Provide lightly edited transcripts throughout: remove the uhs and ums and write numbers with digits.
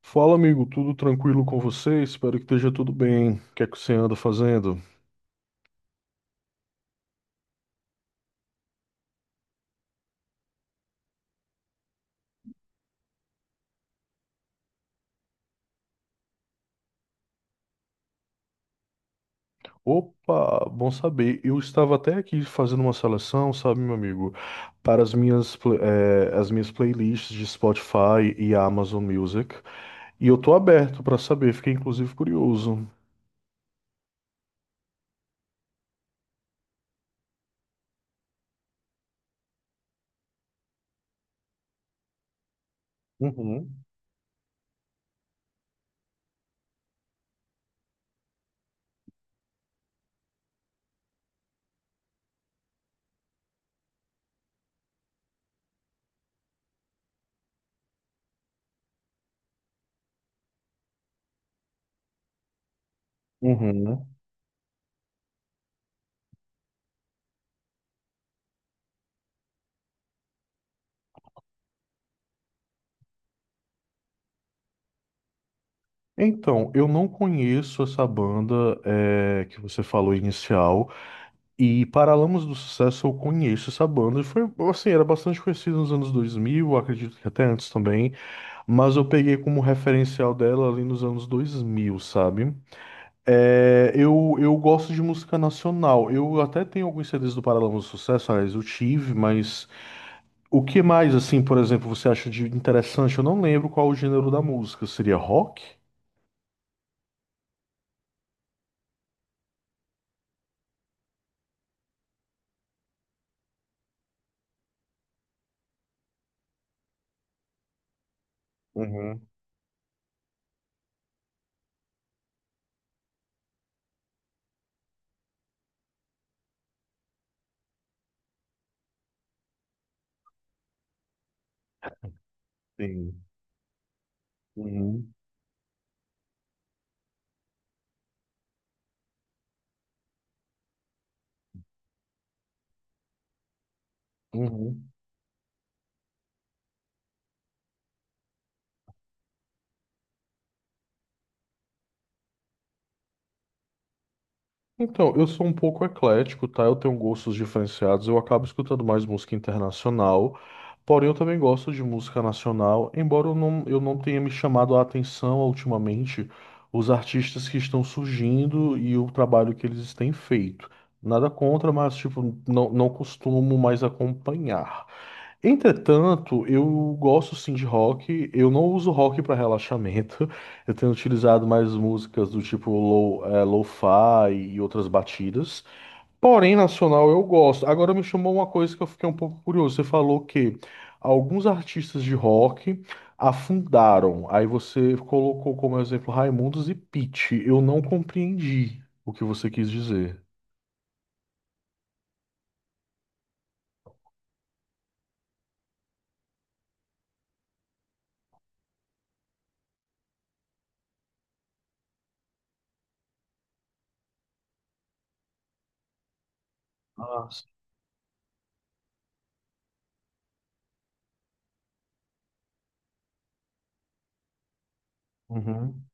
Fala, amigo, tudo tranquilo com você? Espero que esteja tudo bem. O que é que você anda fazendo? Opa, bom saber. Eu estava até aqui fazendo uma seleção, sabe, meu amigo, para as minhas, as minhas playlists de Spotify e Amazon Music. E eu tô aberto para saber, fiquei inclusive curioso. Uhum, uhum. Então, eu não conheço essa banda, que você falou inicial. E Paralamas do Sucesso eu conheço essa banda, e foi, assim, era bastante conhecida nos anos 2000, acredito que até antes também, mas eu peguei como referencial dela ali nos anos 2000, sabe? É, eu gosto de música nacional, eu até tenho alguns CDs do Paralamas do Sucesso, aliás, eu tive, mas o que mais, assim, por exemplo, você acha de interessante? Eu não lembro qual o gênero da música, seria rock? Uhum, sim. Uhum, uhum. Então, eu sou um pouco eclético, tá? Eu tenho gostos diferenciados, eu acabo escutando mais música internacional, porém eu também gosto de música nacional, embora eu não tenha me chamado a atenção ultimamente os artistas que estão surgindo e o trabalho que eles têm feito. Nada contra, mas tipo, não costumo mais acompanhar. Entretanto, eu gosto sim de rock. Eu não uso rock para relaxamento. Eu tenho utilizado mais músicas do tipo lo-fi e outras batidas. Porém, nacional eu gosto. Agora me chamou uma coisa que eu fiquei um pouco curioso. Você falou que alguns artistas de rock afundaram. Aí você colocou como exemplo Raimundos e Pitty. Eu não compreendi o que você quis dizer. Ah, sim. Uhum.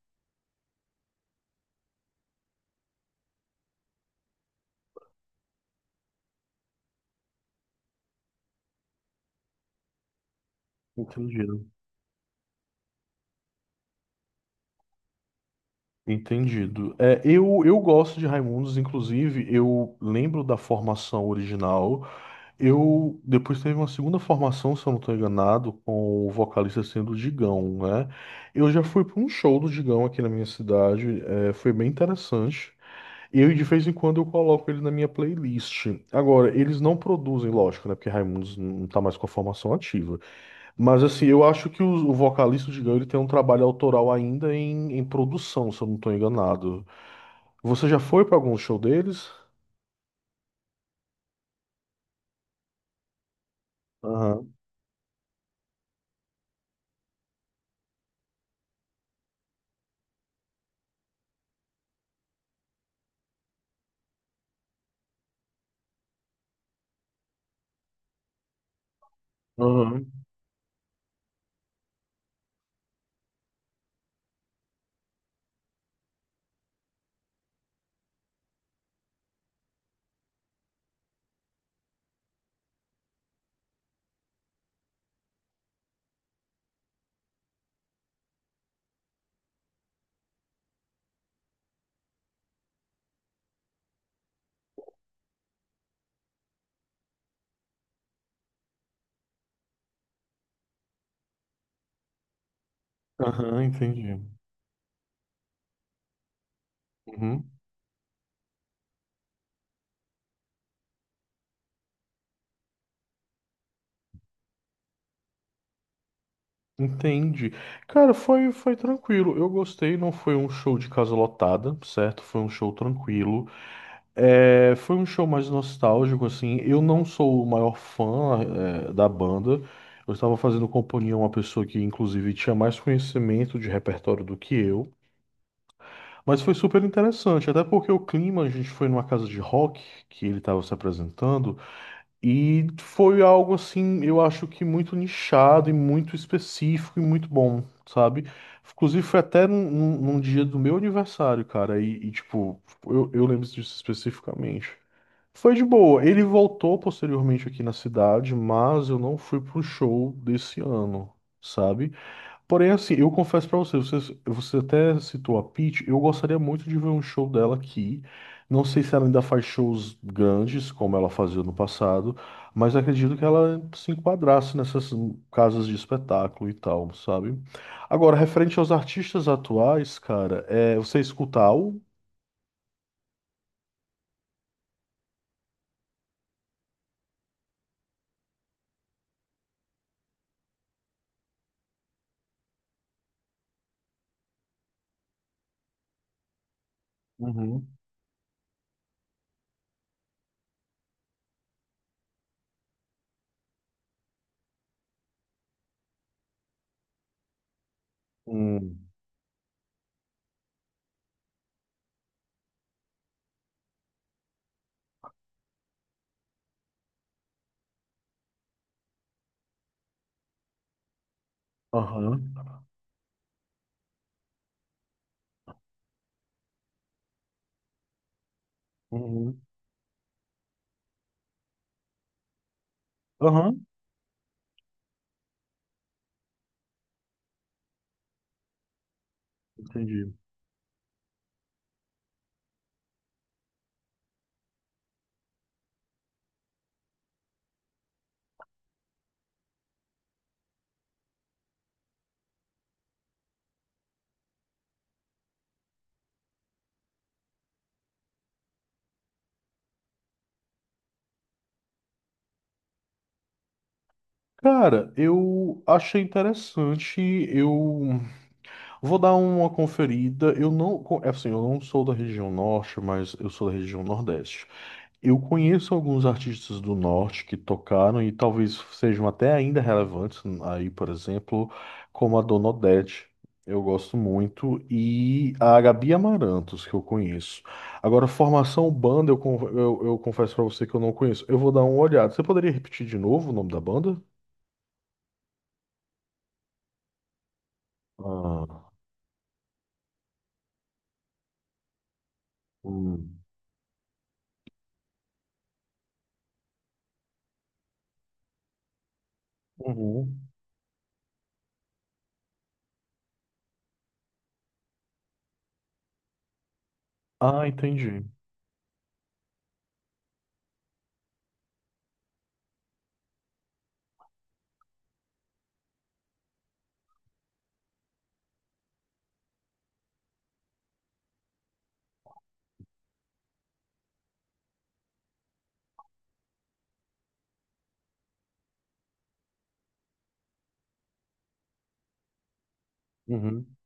Entendi. Entendido. É, eu gosto de Raimundos, inclusive, eu lembro da formação original. Eu depois teve uma segunda formação, se eu não estou enganado, com o vocalista sendo o Digão, né? Eu já fui para um show do Digão aqui na minha cidade, é, foi bem interessante. Eu, de vez em quando, eu coloco ele na minha playlist. Agora, eles não produzem, lógico, né? Porque Raimundos não tá mais com a formação ativa. Mas, assim, eu acho que o vocalista, do Digão, ele tem um trabalho autoral ainda em produção, se eu não estou enganado. Você já foi para algum show deles? Aham, aham, aham, entendi. Uhum, entendi. Cara, foi tranquilo. Eu gostei, não foi um show de casa lotada, certo? Foi um show tranquilo. É, foi um show mais nostálgico, assim. Eu não sou o maior fã, é, da banda. Eu estava fazendo companhia a uma pessoa que, inclusive, tinha mais conhecimento de repertório do que eu. Mas foi super interessante, até porque o clima, a gente foi numa casa de rock que ele estava se apresentando. E foi algo assim, eu acho que muito nichado e muito específico e muito bom, sabe? Inclusive foi até num dia do meu aniversário, cara, e, tipo, eu lembro disso especificamente. Foi de boa. Ele voltou posteriormente aqui na cidade, mas eu não fui pro show desse ano, sabe? Porém, assim, eu confesso pra você, você até citou a Peach, eu gostaria muito de ver um show dela aqui. Não sei se ela ainda faz shows grandes, como ela fazia no passado, mas acredito que ela se enquadrasse nessas casas de espetáculo e tal, sabe? Agora, referente aos artistas atuais, cara, é, você escuta algo? Uhum. Hum, aham, uhum, aham, entendi. Cara, eu achei interessante, eu vou dar uma conferida. Eu não, é assim, eu não sou da região norte, mas eu sou da região nordeste. Eu conheço alguns artistas do norte que tocaram e talvez sejam até ainda relevantes aí, por exemplo, como a Dona Odete. Eu gosto muito e a Gabi Amarantos que eu conheço. Agora, formação banda, eu confesso pra você que eu não conheço. Eu vou dar uma olhada. Você poderia repetir de novo o nome da banda? Ah, hum. Uhum. Ah, entendi. Uhum.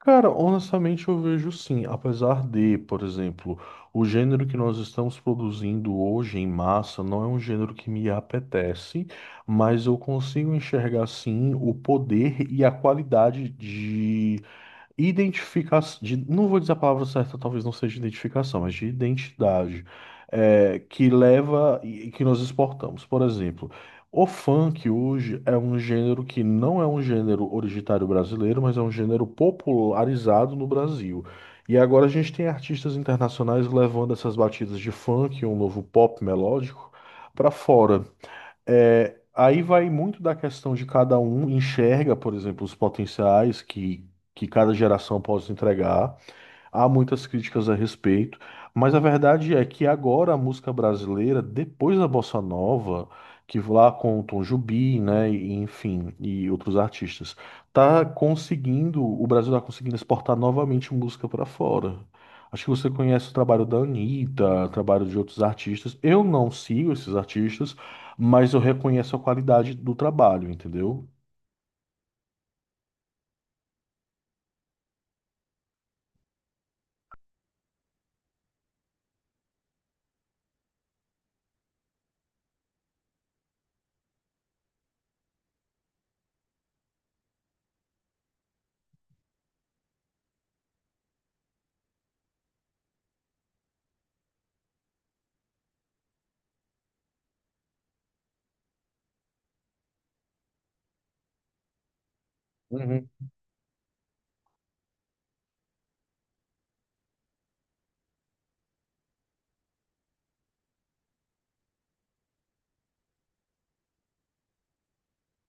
Cara, honestamente eu vejo sim, apesar de, por exemplo, o gênero que nós estamos produzindo hoje em massa não é um gênero que me apetece, mas eu consigo enxergar sim o poder e a qualidade de identificação, não vou dizer a palavra certa, talvez não seja identificação, mas de identidade, é, que leva e que nós exportamos. Por exemplo, o funk hoje é um gênero que não é um gênero originário brasileiro, mas é um gênero popularizado no Brasil. E agora a gente tem artistas internacionais levando essas batidas de funk, um novo pop melódico, para fora. É, aí vai muito da questão de cada um enxerga, por exemplo, os potenciais que cada geração pode entregar. Há muitas críticas a respeito, mas a verdade é que agora a música brasileira, depois da Bossa Nova, que lá com o Tom Jobim, né, e, enfim, e outros artistas, tá conseguindo, o Brasil tá conseguindo exportar novamente música para fora. Acho que você conhece o trabalho da Anitta, o trabalho de outros artistas. Eu não sigo esses artistas, mas eu reconheço a qualidade do trabalho, entendeu? Uhum.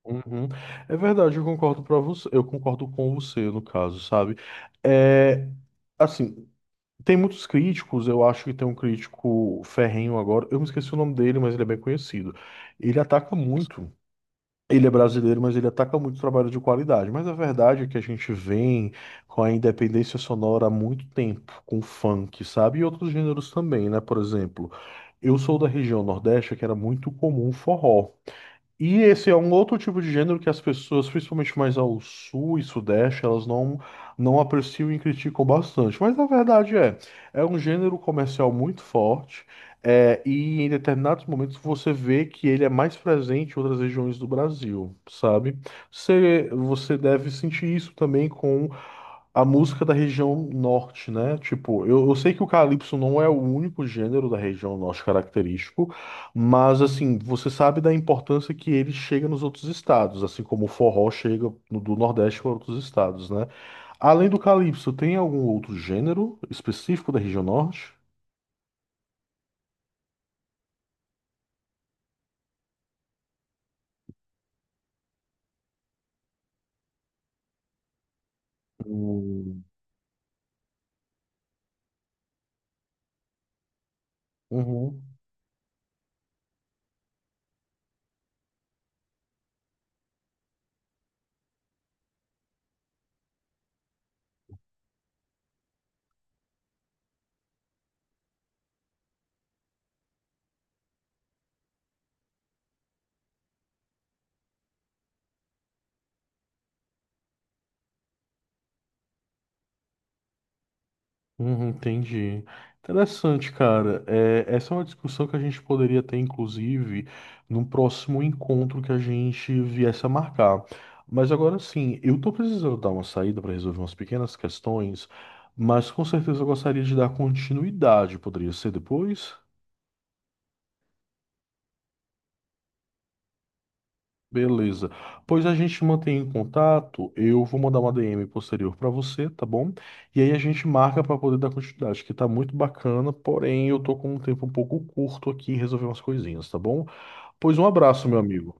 Uhum. É verdade, eu concordo para você, eu concordo com você no caso, sabe? É, assim, tem muitos críticos, eu acho que tem um crítico ferrenho agora, eu me esqueci o nome dele, mas ele é bem conhecido. Ele ataca muito. Ele é brasileiro, mas ele ataca muito o trabalho de qualidade. Mas a verdade é que a gente vem com a independência sonora há muito tempo, com funk, sabe? E outros gêneros também, né? Por exemplo, eu sou da região Nordeste, que era muito comum forró. E esse é um outro tipo de gênero que as pessoas, principalmente mais ao sul e sudeste, elas não apreciam e criticam bastante. Mas a verdade é, é um gênero comercial muito forte, é, e em determinados momentos você vê que ele é mais presente em outras regiões do Brasil, sabe? Você deve sentir isso também com a música da região norte, né? Tipo, eu sei que o calypso não é o único gênero da região norte característico, mas assim, você sabe da importância que ele chega nos outros estados, assim como o forró chega do Nordeste para outros estados, né? Além do calypso, tem algum outro gênero específico da região Norte? Hum, uhum. Uhum, entendi. Interessante, cara. É, essa é uma discussão que a gente poderia ter, inclusive, num próximo encontro que a gente viesse a marcar. Mas agora sim, eu tô precisando dar uma saída para resolver umas pequenas questões, mas com certeza eu gostaria de dar continuidade. Poderia ser depois? Beleza. Pois a gente mantém em contato. Eu vou mandar uma DM posterior para você, tá bom? E aí a gente marca para poder dar continuidade, que tá muito bacana, porém eu tô com um tempo um pouco curto aqui em resolver umas coisinhas, tá bom? Pois um abraço, meu amigo.